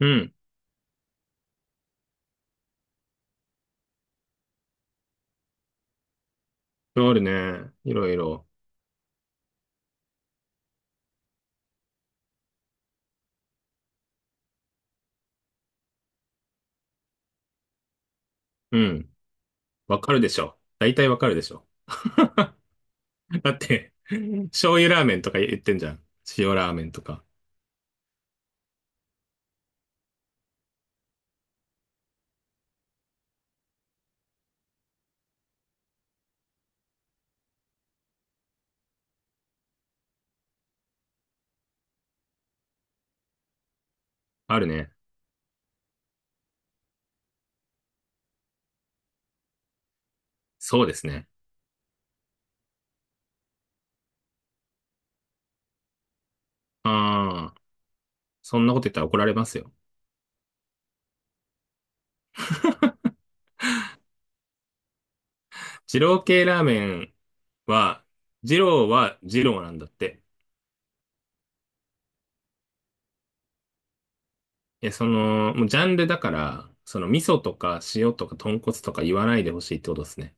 うん。あるね。いろいろ。うん。わかるでしょ。大体わかるでしょ。だって、醤油ラーメンとか言ってんじゃん。塩ラーメンとか。あるね。そうですね。ああ、そんなこと言ったら怒られますよ。二郎系ラーメンは、二郎は二郎なんだって。その、もうジャンルだから、その味噌とか塩とか豚骨とか言わないでほしいってことですね。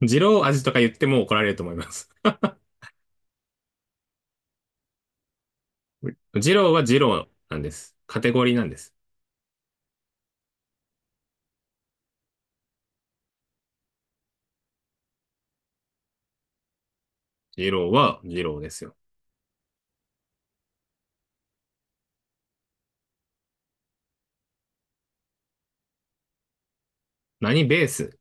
二郎味とか言っても怒られると思います。二郎は二郎なんです。カテゴリーなんです。二郎は二郎ですよ。何ベース？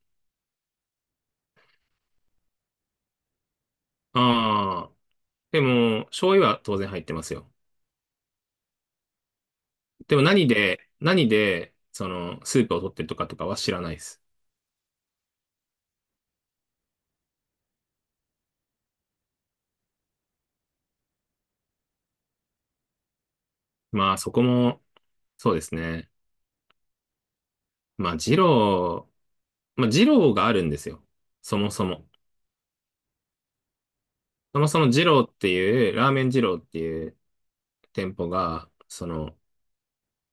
ああー。でも、醤油は当然入ってますよ。でも何で、その、スープを取ってるとかとかは知らないです。まあ、そこも、そうですね。まあ、二郎、まあ、二郎があるんですよ。そもそも。そもそも二郎っていう、ラーメン二郎っていう店舗が、その、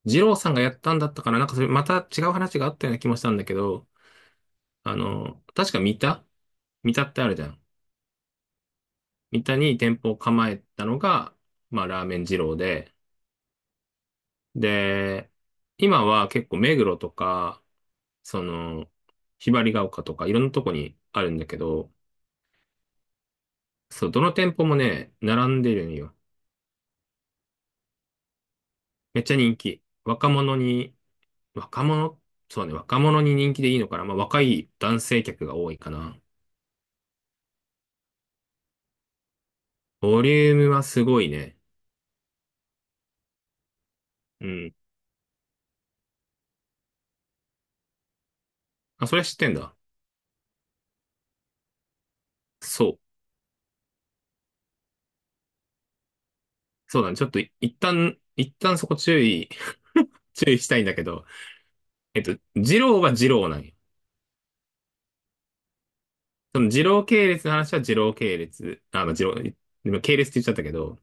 二郎さんがやったんだったかな？なんかそれ、また違う話があったような気もしたんだけど、あの、確か三田、三田ってあるじゃん。三田に店舗を構えたのが、まあ、ラーメン二郎で、で、今は結構目黒とか、その、ひばりが丘とかいろんなとこにあるんだけど、そう、どの店舗もね、並んでるんよ。めっちゃ人気。若者に、若者、そうね、若者に人気でいいのかな？まあ、若い男性客が多いかな。ボリュームはすごいね。うん。あ、それは知ってんだ。そう。そうだね。ちょっと、一旦そこ注意、注意したいんだけど、二郎は二郎なんよ。その二郎系列の話は二郎系列。あ、まあ、二郎、今系列って言っちゃったけど、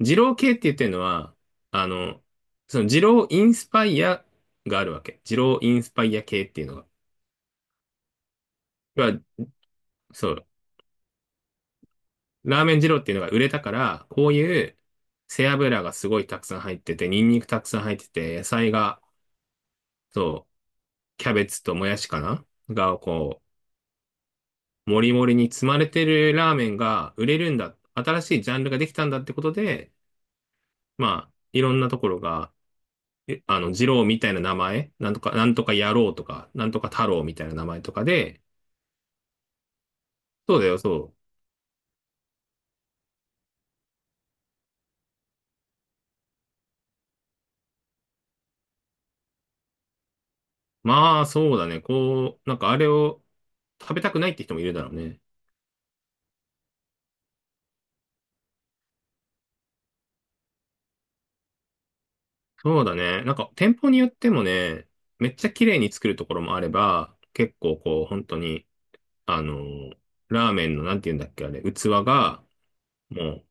二郎系って言ってるのは、あの、その二郎インスパイアがあるわけ。二郎インスパイア系っていうのが。要は、そう、ラーメン二郎っていうのが売れたから、こういう背脂がすごいたくさん入ってて、ニンニクたくさん入ってて、野菜が、そう、キャベツともやしかな、が、こう、もりもりに積まれてるラーメンが売れるんだ。新しいジャンルができたんだってことで、まあ、いろんなところが、えあの、二郎みたいな名前、なんとか、なんとか野郎とか、なんとか太郎みたいな名前とかで、そうだよ、そう。まあ、そうだね。こう、なんかあれを食べたくないって人もいるだろうね。そうだね。なんか店舗によってもね、めっちゃ綺麗に作るところもあれば、結構こう、本当に、あのーラーメンの、なんて言うんだっけ、あれ、器が、もう、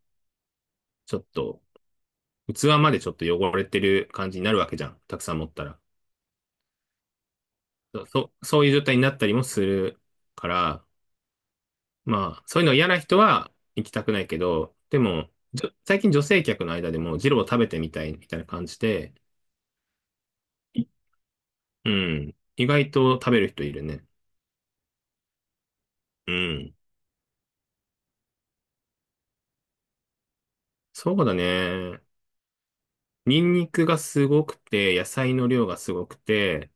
ちょっと、器までちょっと汚れてる感じになるわけじゃん。たくさん持ったら。そう、そうそういう状態になったりもするから、まあ、そういうの嫌な人は行きたくないけど、でも、最近女性客の間でも、ジロー食べてみたいみたいな感じで、いうん、意外と食べる人いるね。うん。そうだね。ニンニクがすごくて、野菜の量がすごくて、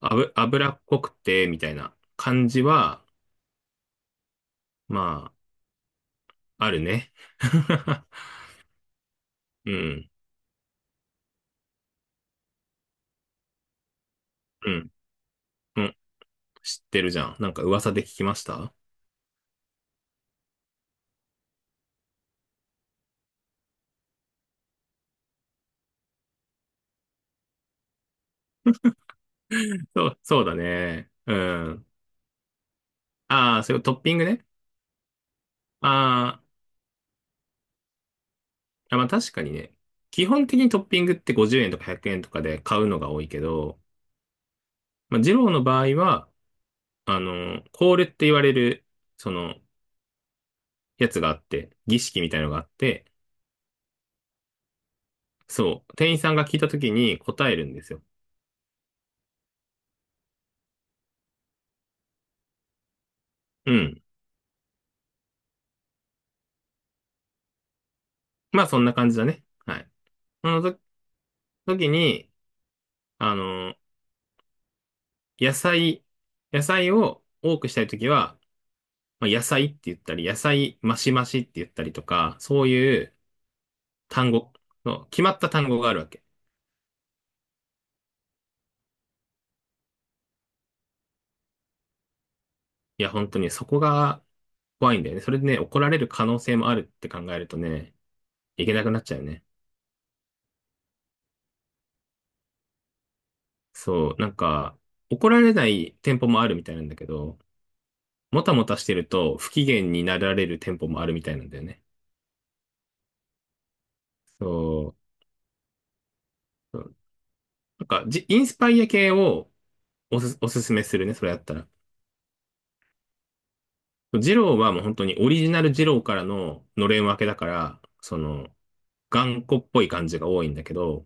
脂っこくて、みたいな感じは、まあ、あるね。うん、うん、うん。知ってるじゃん。なんか噂で聞きました。そう、そうだね。うん。ああ、それをトッピングね。あー、あ、まあ確かにね。基本的にトッピングって50円とか100円とかで買うのが多いけど、まあ、二郎の場合は、あの、コールって言われる、その、やつがあって、儀式みたいのがあって、そう、店員さんが聞いた時に答えるんですよ。うん。まあそんな感じだね。はい。その時に、あの、野菜、野菜を多くしたい時は、まあ、野菜って言ったり、野菜マシマシって言ったりとか、そういう単語の、決まった単語があるわけ。いや、本当にそこが怖いんだよね。それでね、怒られる可能性もあるって考えるとね、いけなくなっちゃうよね。そう、なんか、怒られない店舗もあるみたいなんだけど、もたもたしてると不機嫌になられる店舗もあるみたいなんだよね。そう、そう、なんか、インスパイア系をおすすめするね、それやったら。ジローはもう本当にオリジナルジローからののれん分けだから、その、頑固っぽい感じが多いんだけど、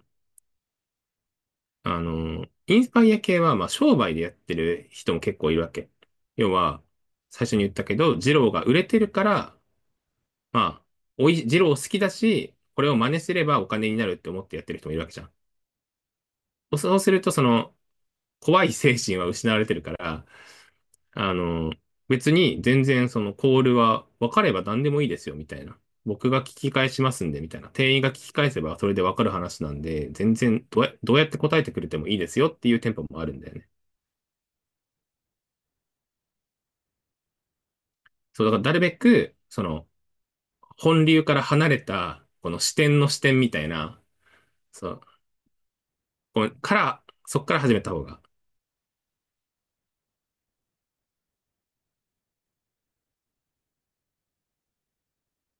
あの、インスパイア系は、まあ、商売でやってる人も結構いるわけ。要は、最初に言ったけど、ジローが売れてるから、まあ、おい、ジロー好きだし、これを真似すればお金になるって思ってやってる人もいるわけじゃん。そうすると、その、怖い精神は失われてるから、あの、別に全然そのコールは分かれば何でもいいですよ、みたいな。僕が聞き返しますんで、みたいな。店員が聞き返せばそれで分かる話なんで、全然どうやって答えてくれてもいいですよっていう店舗もあるんだよね。そう、だからなるべく、その、本流から離れた、この視点の視点みたいな、そう、こうから、そっから始めた方が。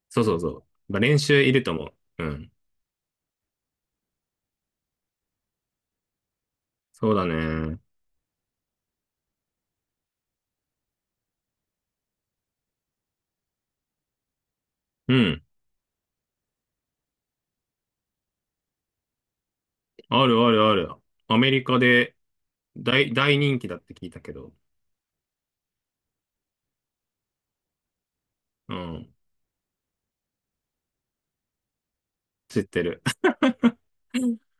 そうそうそう。まあ練習いると思う。うん。そうだね。うん。あるあるある。アメリカで大人気だって聞いたけど。うん。知ってる。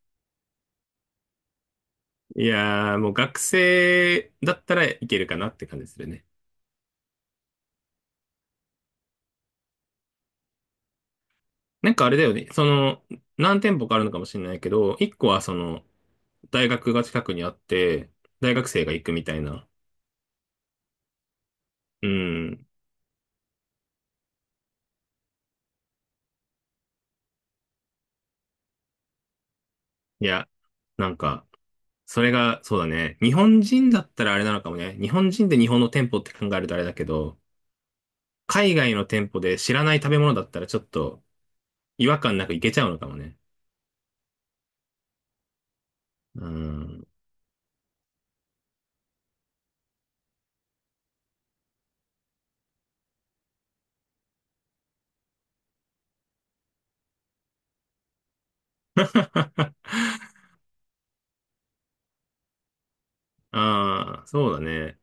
いやー、もう学生だったらいけるかなって感じするね。なんかあれだよね。その、何店舗かあるのかもしれないけど、一個はその、大学が近くにあって、大学生が行くみたいな。うん。いや、なんか、それが、そうだね。日本人だったらあれなのかもね。日本人で日本の店舗って考えるとあれだけど、海外の店舗で知らない食べ物だったらちょっと違和感なくいけちゃうのかもね。うん。ああ、そうだね。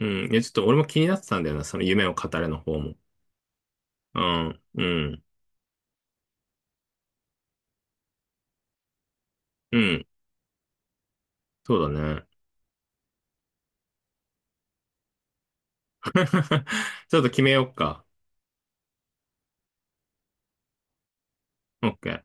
うん。いや、ちょっと俺も気になってたんだよな、その夢を語れの方も。うん、うん、うん。そうだね。ちょっと決めようか。OK。